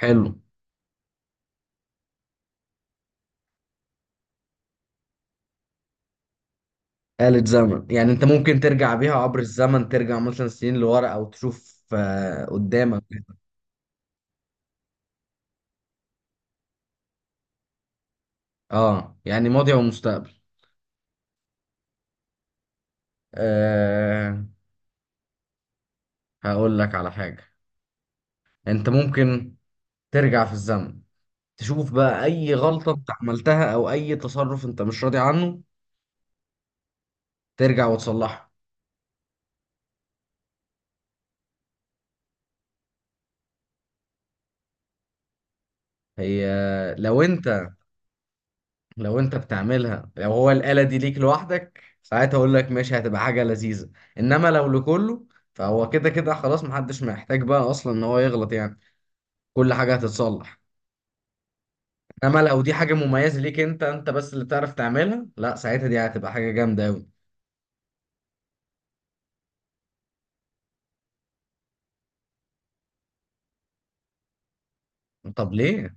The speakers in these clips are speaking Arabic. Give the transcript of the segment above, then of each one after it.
حلو. آلة زمن يعني انت ممكن ترجع بيها عبر الزمن، ترجع مثلا سنين لورا او تشوف قدامك. اه، يعني ماضي ومستقبل. آه، هقول لك على حاجة. انت ممكن ترجع في الزمن تشوف بقى اي غلطة انت عملتها او اي تصرف انت مش راضي عنه، ترجع وتصلحه. هي لو انت بتعملها، لو هو الآلة دي ليك لوحدك ساعتها اقول لك ماشي، هتبقى حاجة لذيذة. انما لو لكله، فهو كده كده خلاص، محدش محتاج بقى اصلا ان هو يغلط يعني. كل حاجة هتتصلح. انما لو دي حاجة مميزة ليك انت، انت بس اللي بتعرف تعملها، لا، ساعتها دي هتبقى حاجة جامدة اوي. طب ليه؟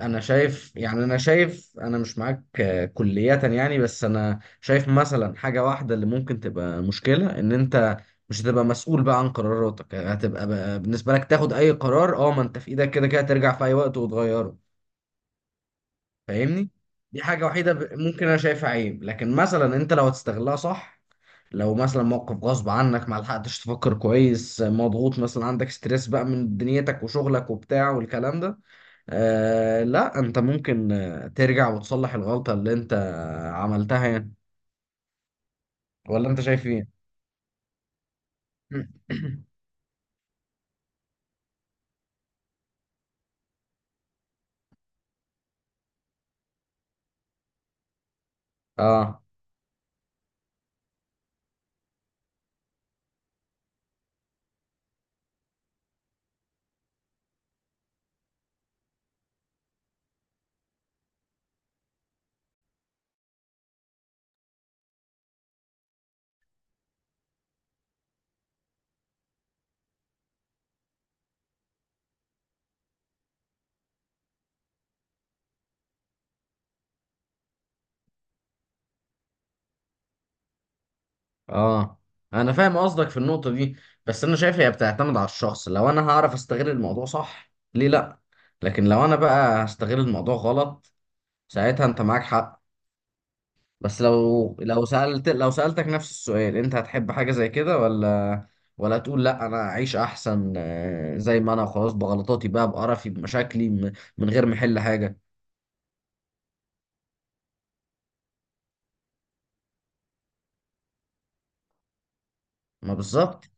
انا شايف انا مش معاك كلية يعني، بس انا شايف مثلا حاجة واحدة اللي ممكن تبقى مشكلة، ان انت مش هتبقى مسؤول بقى عن قراراتك يعني. هتبقى بقى بالنسبة لك تاخد اي قرار، اه ما انت في ايدك كده كده ترجع في اي وقت وتغيره. فاهمني؟ دي حاجة وحيدة ممكن انا شايفها عيب، لكن مثلا انت لو هتستغلها صح، لو مثلا موقف غصب عنك ما لحقتش تفكر كويس، مضغوط مثلا عندك ستريس بقى من دنيتك وشغلك وبتاع والكلام ده آه لا انت ممكن ترجع وتصلح الغلطة اللي انت عملتها يعني. ولا انت شايف ايه؟ اه، اه، انا فاهم قصدك في النقطة دي، بس انا شايف هي بتعتمد على الشخص، لو انا هعرف استغل الموضوع صح ليه لا؟ لكن لو انا بقى هستغل الموضوع غلط ساعتها انت معاك حق. بس لو سألتك نفس السؤال، انت هتحب حاجة زي كده، ولا تقول لا انا اعيش احسن زي ما انا خلاص بغلطاتي بقى بقرفي بمشاكلي من غير ما احل حاجة؟ ما بالظبط.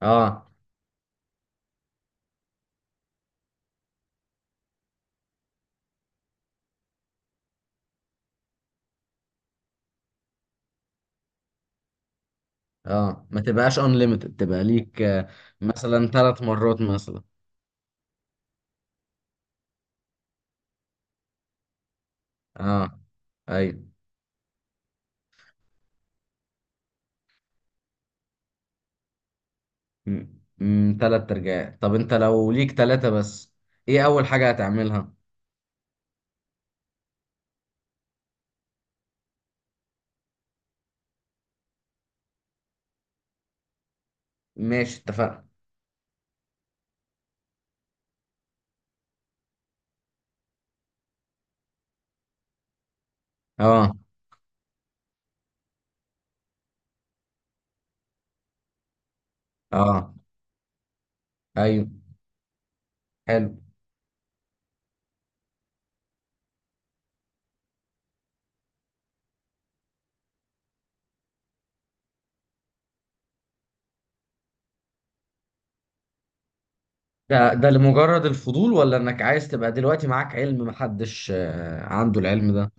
اه، اه، ما تبقاش unlimited، تبقى ليك مثلا 3 مرات مثلا. اه، ايوه، 3 ترجعات. طب انت لو ليك ثلاثة بس، ايه اول حاجة هتعملها؟ ماشي اتفقنا. اه، اه، ايوه. حلو. ده لمجرد الفضول، ولا انك عايز تبقى دلوقتي معاك علم محدش عنده العلم ده؟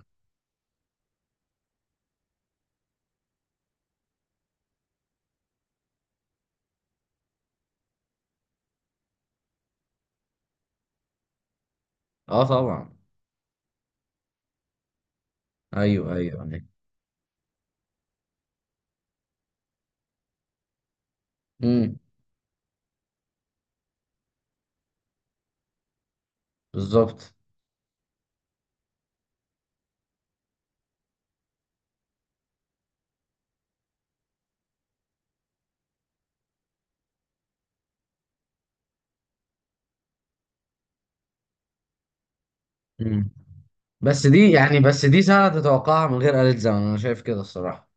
اه طبعا. ايوه، ايوه، ايوه. امم. بالظبط. امم. بس دي سنة تتوقعها من غير آلة زمن، انا شايف كده الصراحة.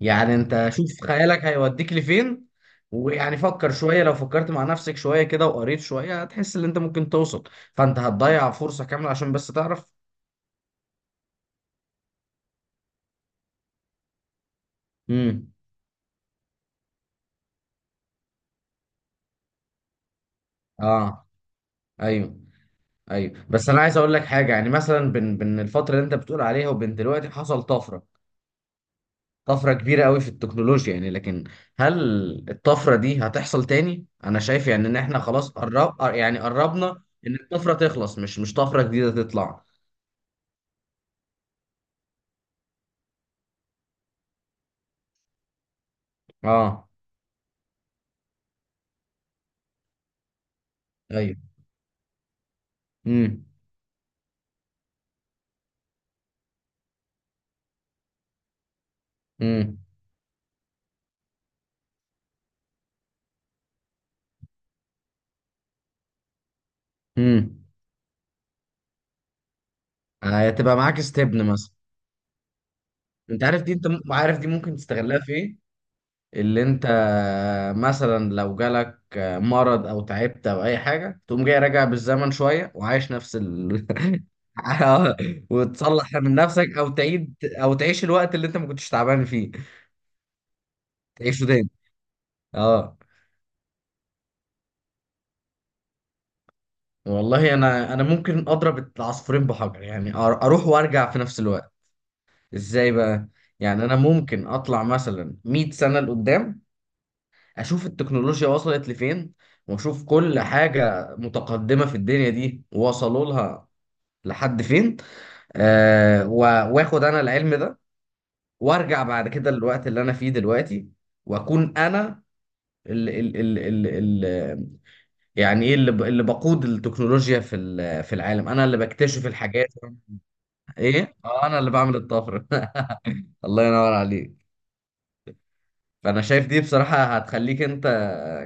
يعني انت شوف خيالك هيوديك لفين، ويعني فكر شوية، لو فكرت مع نفسك شوية كده وقريت شوية هتحس ان انت ممكن توصل. فانت هتضيع فرصة كاملة عشان بس تعرف. امم. اه، ايوه، ايوه. بس انا عايز اقول لك حاجه، يعني مثلا بين الفتره اللي انت بتقول عليها وبين دلوقتي حصل طفره. طفره كبيره قوي في التكنولوجيا، يعني لكن هل الطفره دي هتحصل تاني؟ انا شايف يعني ان احنا خلاص قربنا ان الطفره تخلص، مش طفره جديده تطلع. اه، ايوه، امم، امم، امم. هتبقى معاك استبن مثلا؟ انت عارف دي، عارف دي ممكن تستغلها في ايه؟ اللي انت مثلا لو جالك مرض او تعبت او اي حاجه، تقوم جاي راجع بالزمن شويه وعايش نفس ال— آه، وتصلح من نفسك، او تعيد، او تعيش الوقت اللي انت ما كنتش تعبان فيه. تعيشه تاني. اه. والله انا ممكن اضرب العصفورين بحجر، يعني اروح وارجع في نفس الوقت. ازاي بقى؟ يعني انا ممكن اطلع مثلا 100 سنه لقدام، اشوف التكنولوجيا وصلت لفين، واشوف كل حاجة متقدمة في الدنيا دي وصلوا لها لحد فين. واخد انا العلم ده، وارجع بعد كده للوقت اللي انا فيه دلوقتي، واكون انا ال ال ال ال ال يعني ايه اللي اللي بقود التكنولوجيا في في العالم. انا اللي بكتشف الحاجات. ايه، انا اللي بعمل الطفرة. الله ينور عليك. فانا شايف دي بصراحة هتخليك انت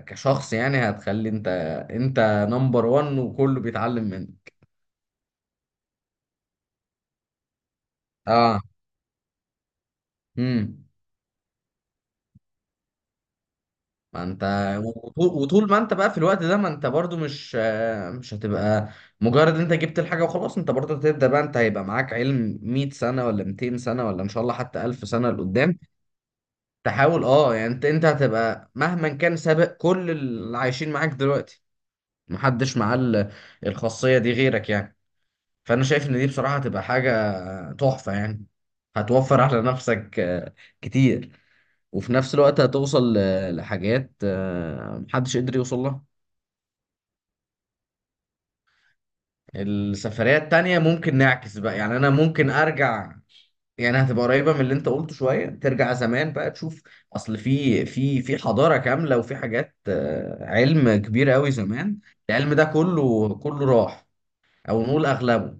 كشخص، يعني هتخلي انت نمبر وان، وكله بيتعلم منك. اه. امم. ما انت وطول ما انت بقى في الوقت ده، ما انت برضو مش مش هتبقى مجرد انت جبت الحاجة وخلاص، انت برضو هتبدأ بقى. انت هيبقى معاك علم 100 سنة ولا 200 سنة، ولا ان شاء الله حتى 1000 سنة لقدام، تحاول يعني انت هتبقى مهما كان سابق كل اللي عايشين معاك دلوقتي. محدش معاه الخاصية دي غيرك يعني. فانا شايف ان دي بصراحه هتبقى حاجه تحفه يعني. هتوفر على نفسك كتير. وفي نفس الوقت هتوصل لحاجات محدش قدر يوصل لها. السفريه التانيه ممكن نعكس بقى، يعني انا ممكن ارجع، يعني هتبقى قريبه من اللي انت قلته شويه. ترجع زمان بقى تشوف اصل في حضاره كامله، وفي حاجات علم كبير قوي زمان. العلم ده كله كله راح، او نقول اغلبه.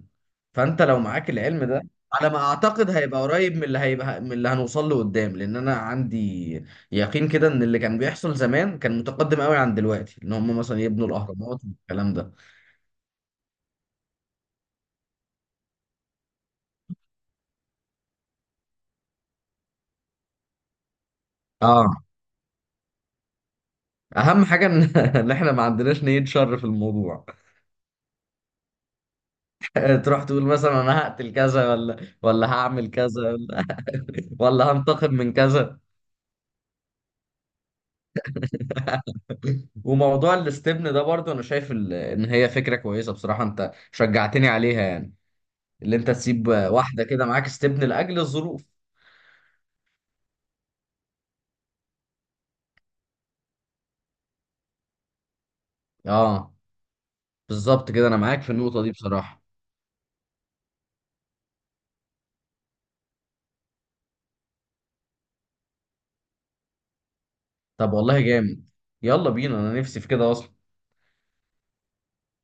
فانت لو معاك العلم ده، على ما اعتقد هيبقى قريب من اللي هنوصل له قدام. لان انا عندي يقين كده ان اللي كان بيحصل زمان كان متقدم قوي عن دلوقتي، ان هم مثلا يبنوا الاهرامات والكلام ده. اه. اهم حاجه إن احنا ما عندناش نية شر في الموضوع. تروح تقول مثلا انا هقتل كذا، ولا هعمل كذا، ولا ولا هنتقم من كذا. وموضوع الاستبن ده برضه انا شايف ان هي فكره كويسه بصراحه، انت شجعتني عليها يعني. اللي انت تسيب واحده كده معاك استبن لاجل الظروف. اه بالظبط كده، انا معاك في النقطه دي بصراحه. طب والله جامد، يلا بينا، انا نفسي في كده اصلا.